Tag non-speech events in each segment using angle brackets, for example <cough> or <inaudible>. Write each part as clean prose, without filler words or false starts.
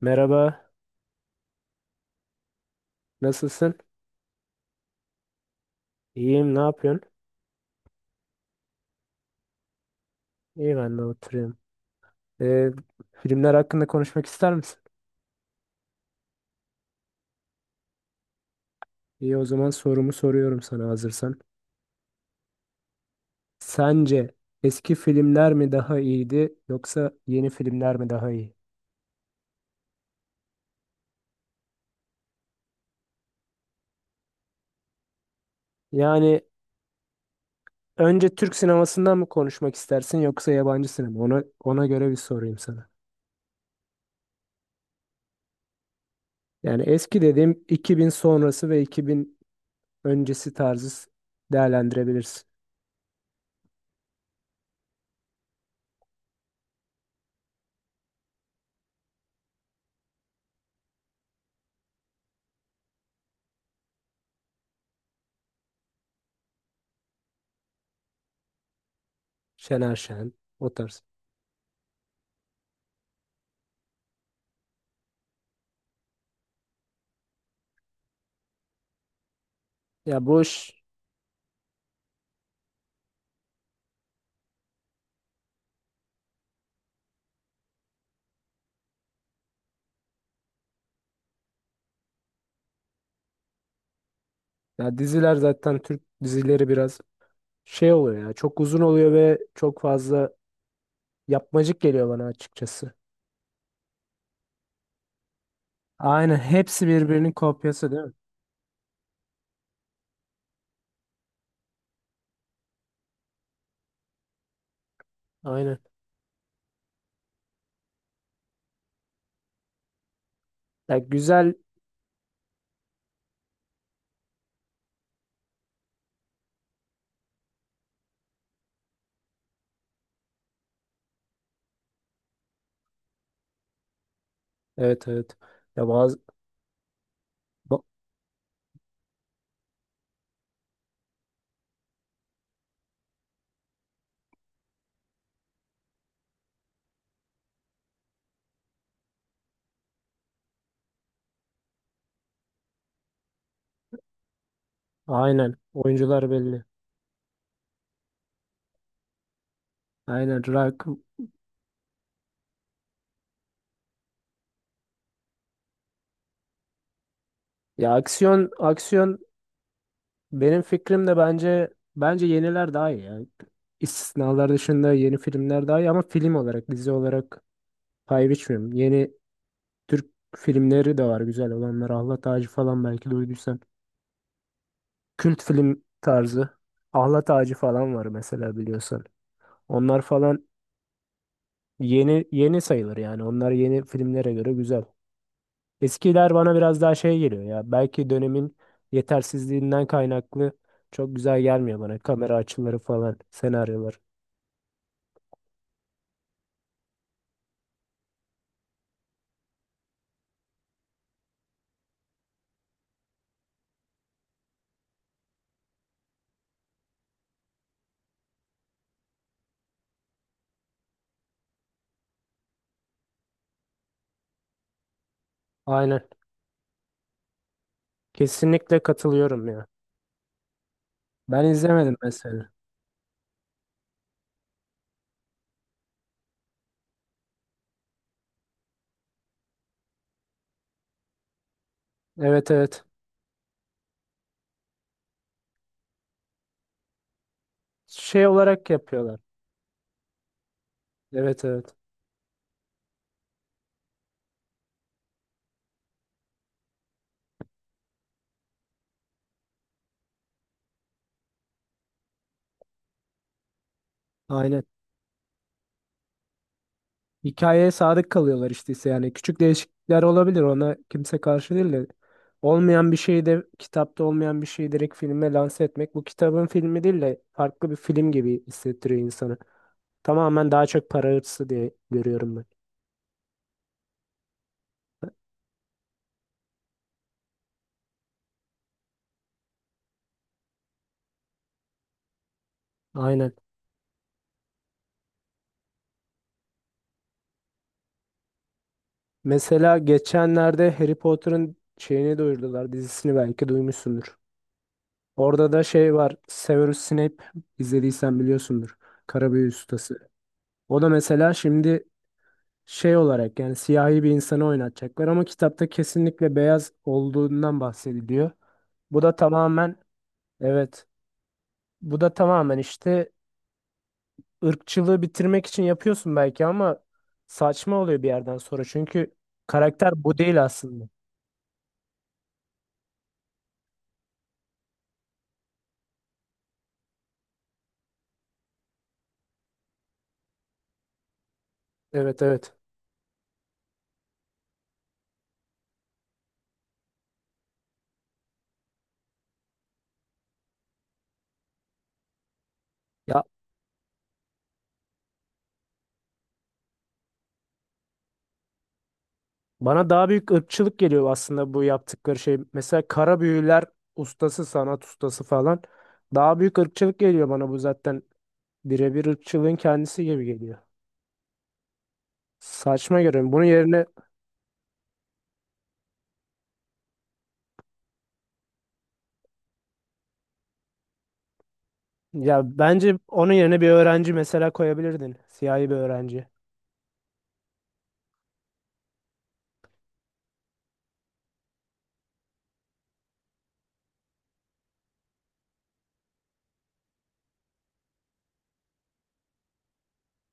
Merhaba, nasılsın? İyiyim, ne yapıyorsun? İyi, ben de oturuyorum. Ee, Filmler hakkında konuşmak ister misin? İyi, o zaman sorumu soruyorum sana hazırsan. Sence eski filmler mi daha iyiydi yoksa yeni filmler mi daha iyi? Yani önce Türk sinemasından mı konuşmak istersin yoksa yabancı sinema? Ona göre bir sorayım sana. Yani eski dediğim 2000 sonrası ve 2000 öncesi tarzı değerlendirebilirsin. Şener Şen, o tarz. Ya boş Ya, diziler zaten Türk dizileri biraz şey oluyor ya. Çok uzun oluyor ve çok fazla yapmacık geliyor bana açıkçası. Aynen, hepsi birbirinin kopyası değil mi? Aynen. Ya, güzel. Evet, evet. Ya bazı ba- aynen, oyuncular belli. Aynen, Rock. Ya aksiyon aksiyon Benim fikrim de, bence yeniler daha iyi yani. İstisnalar dışında yeni filmler daha iyi ama film olarak dizi olarak pay biçmiyorum. Yeni Türk filmleri de var, güzel olanlar. Ahlat Ağacı falan, belki duyduysan. Kült film tarzı. Ahlat Ağacı falan var mesela, biliyorsan. Onlar falan yeni yeni sayılır yani. Onlar yeni filmlere göre güzel. Eskiler bana biraz daha şey geliyor ya. Belki dönemin yetersizliğinden kaynaklı çok güzel gelmiyor bana. Kamera açıları falan, senaryolar. Aynen. Kesinlikle katılıyorum ya. Ben izlemedim mesela. Evet, evet. Şey olarak yapıyorlar. Evet, evet. Aynen. Hikayeye sadık kalıyorlar işte, ise yani küçük değişiklikler olabilir, ona kimse karşı değil de olmayan bir şeyi de kitapta olmayan bir şeyi direkt filme lanse etmek bu kitabın filmi değil de farklı bir film gibi hissettiriyor insanı. Tamamen daha çok para hırsı diye görüyorum ben. Aynen. Mesela geçenlerde Harry Potter'ın şeyini duyurdular, dizisini belki duymuşsundur. Orada da şey var, Severus Snape, izlediysen biliyorsundur. Karabüyü Ustası. O da mesela şimdi şey olarak yani siyahi bir insanı oynatacaklar ama kitapta kesinlikle beyaz olduğundan bahsediliyor. Bu da tamamen evet bu da tamamen işte ırkçılığı bitirmek için yapıyorsun belki ama saçma oluyor bir yerden sonra çünkü karakter bu değil aslında. Evet, evet. Ya, bana daha büyük ırkçılık geliyor aslında bu yaptıkları şey. Mesela kara büyüler ustası, sanat ustası falan. Daha büyük ırkçılık geliyor bana, bu zaten birebir ırkçılığın kendisi gibi geliyor. Saçma görüyorum. Bunun yerine ya bence onun yerine bir öğrenci mesela koyabilirdin. Siyahi bir öğrenci.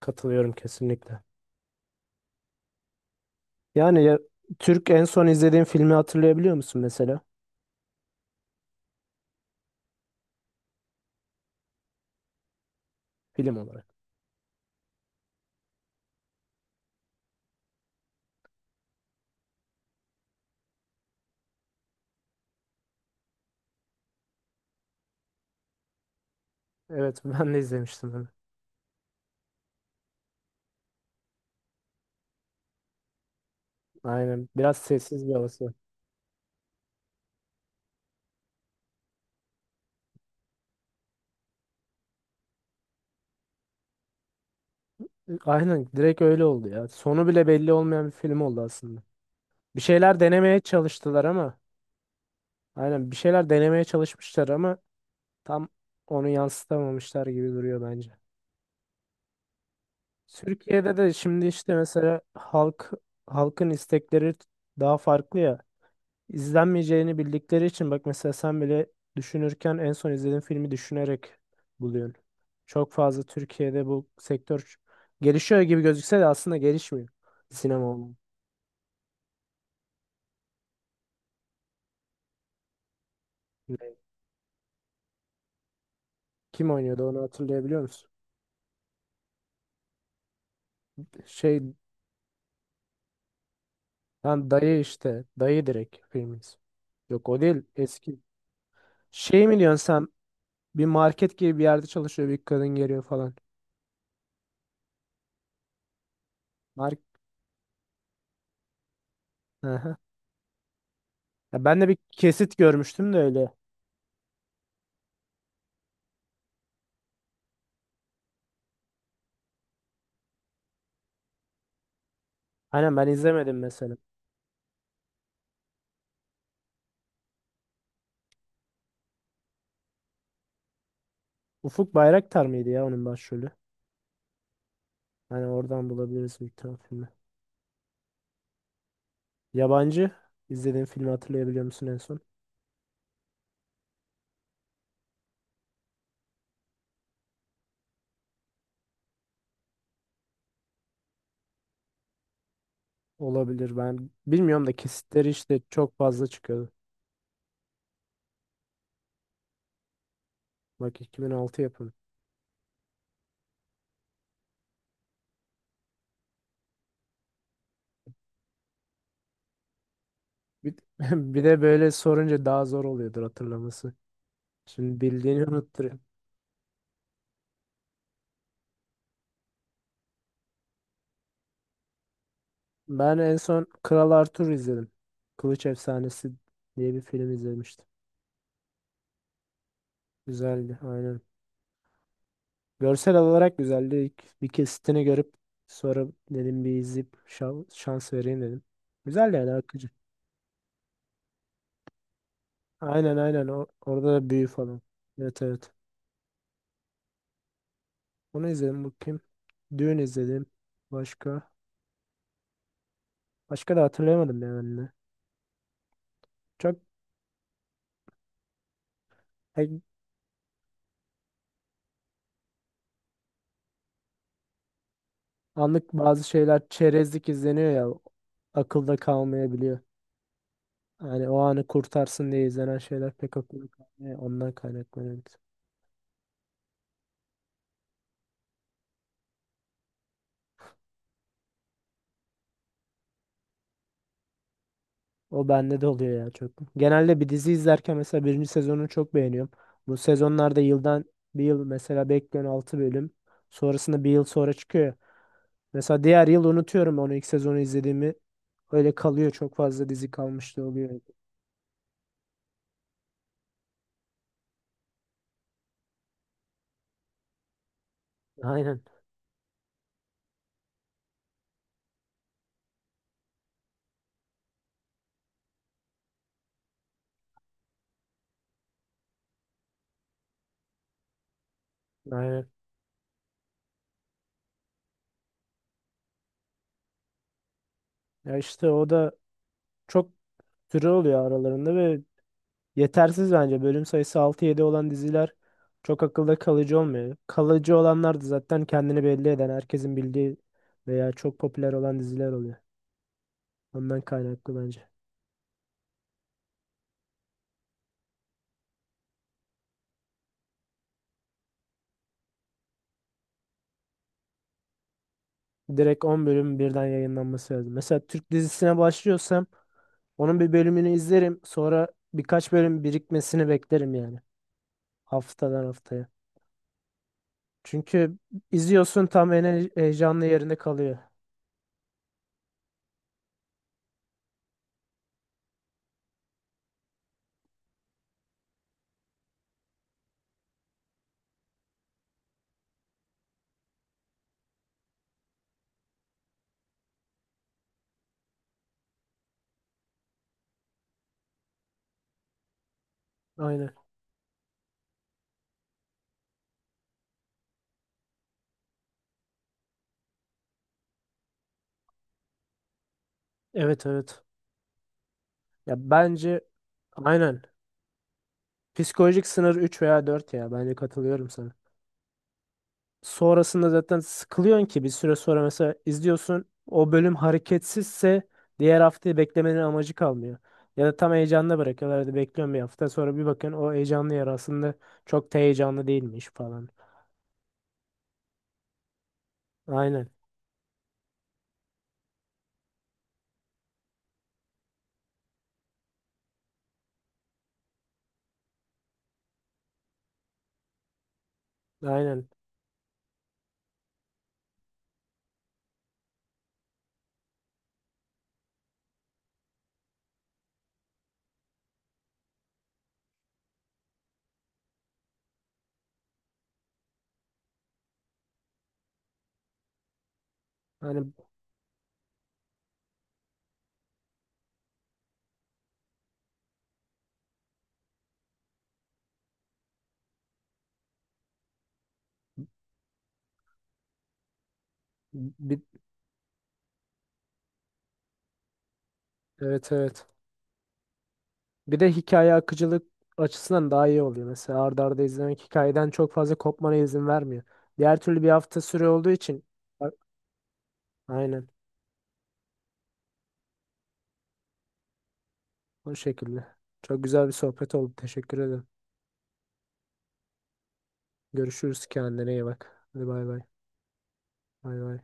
Katılıyorum kesinlikle. Yani ya, Türk en son izlediğin filmi hatırlayabiliyor musun mesela? Film olarak. Evet, ben de izlemiştim onu. Aynen. Biraz sessiz bir havası. Aynen, direkt öyle oldu ya. Sonu bile belli olmayan bir film oldu aslında. Bir şeyler denemeye çalıştılar ama aynen bir şeyler denemeye çalışmışlar ama tam onu yansıtamamışlar gibi duruyor bence. Türkiye'de de şimdi işte mesela halkın istekleri daha farklı ya. İzlenmeyeceğini bildikleri için, bak mesela sen bile düşünürken en son izlediğin filmi düşünerek buluyorsun. Çok fazla Türkiye'de bu sektör gelişiyor gibi gözükse de aslında gelişmiyor. Sinema olma. Kim oynuyordu, onu hatırlayabiliyor musun? Şey, lan dayı işte. Dayı direkt filmimiz. Yok, o değil eski. Şey mi diyorsun sen? Bir market gibi bir yerde çalışıyor, bir kadın geliyor falan. Mark Ya, ben de bir kesit görmüştüm de öyle. Aynen, ben izlemedim mesela. Ufuk Bayraktar mıydı ya onun başrolü? Hani oradan bulabiliriz bir tane filmi. Yabancı izlediğin filmi hatırlayabiliyor musun en son? Olabilir, ben bilmiyorum da kesitleri işte çok fazla çıkıyordu. Bak, 2006 yapımı. Bir, <laughs> bir de böyle sorunca daha zor oluyordur hatırlaması. Şimdi bildiğini unutturuyor. Ben en son Kral Arthur izledim. Kılıç Efsanesi diye bir film izlemiştim. Güzeldi aynen. Görsel olarak güzeldi. İlk bir kesitini görüp sonra dedim bir izleyip şans vereyim dedim. Güzel, yani akıcı. Aynen, aynen. Orada da büyü falan. Evet, evet. Onu izledim bakayım. Düğün izledim. Başka? Başka da hatırlayamadım ya ben de. Çok e, anlık bazı şeyler çerezlik izleniyor ya. Akılda kalmayabiliyor. Yani o anı kurtarsın diye izlenen şeyler pek akılda kalmıyor. Ondan kaynaklanıyor. O bende de oluyor ya, çok. Genelde bir dizi izlerken mesela birinci sezonu çok beğeniyorum. Bu sezonlarda yıldan bir yıl mesela bekliyorum 6 bölüm. Sonrasında bir yıl sonra çıkıyor ya. Mesela diğer yıl unutuyorum onu, ilk sezonu izlediğimi. Öyle kalıyor, çok fazla dizi kalmıştı oluyor. Aynen. Aynen. Ya işte o da çok süre oluyor aralarında ve yetersiz bence. Bölüm sayısı 6-7 olan diziler çok akılda kalıcı olmuyor. Kalıcı olanlar da zaten kendini belli eden, herkesin bildiği veya çok popüler olan diziler oluyor. Ondan kaynaklı bence. Direkt 10 bölüm birden yayınlanması lazım. Mesela Türk dizisine başlıyorsam onun bir bölümünü izlerim. Sonra birkaç bölüm birikmesini beklerim yani. Haftadan haftaya. Çünkü izliyorsun, tam en heyecanlı yerinde kalıyor. Aynen. Evet, evet. Ya bence aynen. Psikolojik sınır 3 veya 4 ya. Bence katılıyorum sana. Sonrasında zaten sıkılıyorsun ki bir süre sonra mesela izliyorsun, o bölüm hareketsizse diğer haftayı beklemenin amacı kalmıyor. Ya da tam heyecanla bırakıyorlar. Hadi bekliyorum bir hafta sonra, bir bakın o heyecanlı yer aslında çok da heyecanlı değilmiş falan. Aynen. Aynen. Hani bir, evet, evet. Bir de hikaye akıcılık açısından daha iyi oluyor. Mesela arda arda izlemek hikayeden çok fazla kopmana izin vermiyor. Diğer türlü bir hafta süre olduğu için. A- aynen. O şekilde. Çok güzel bir sohbet oldu. Teşekkür ederim. Görüşürüz. Kendine iyi bak. Hadi bay bay. Bay bay.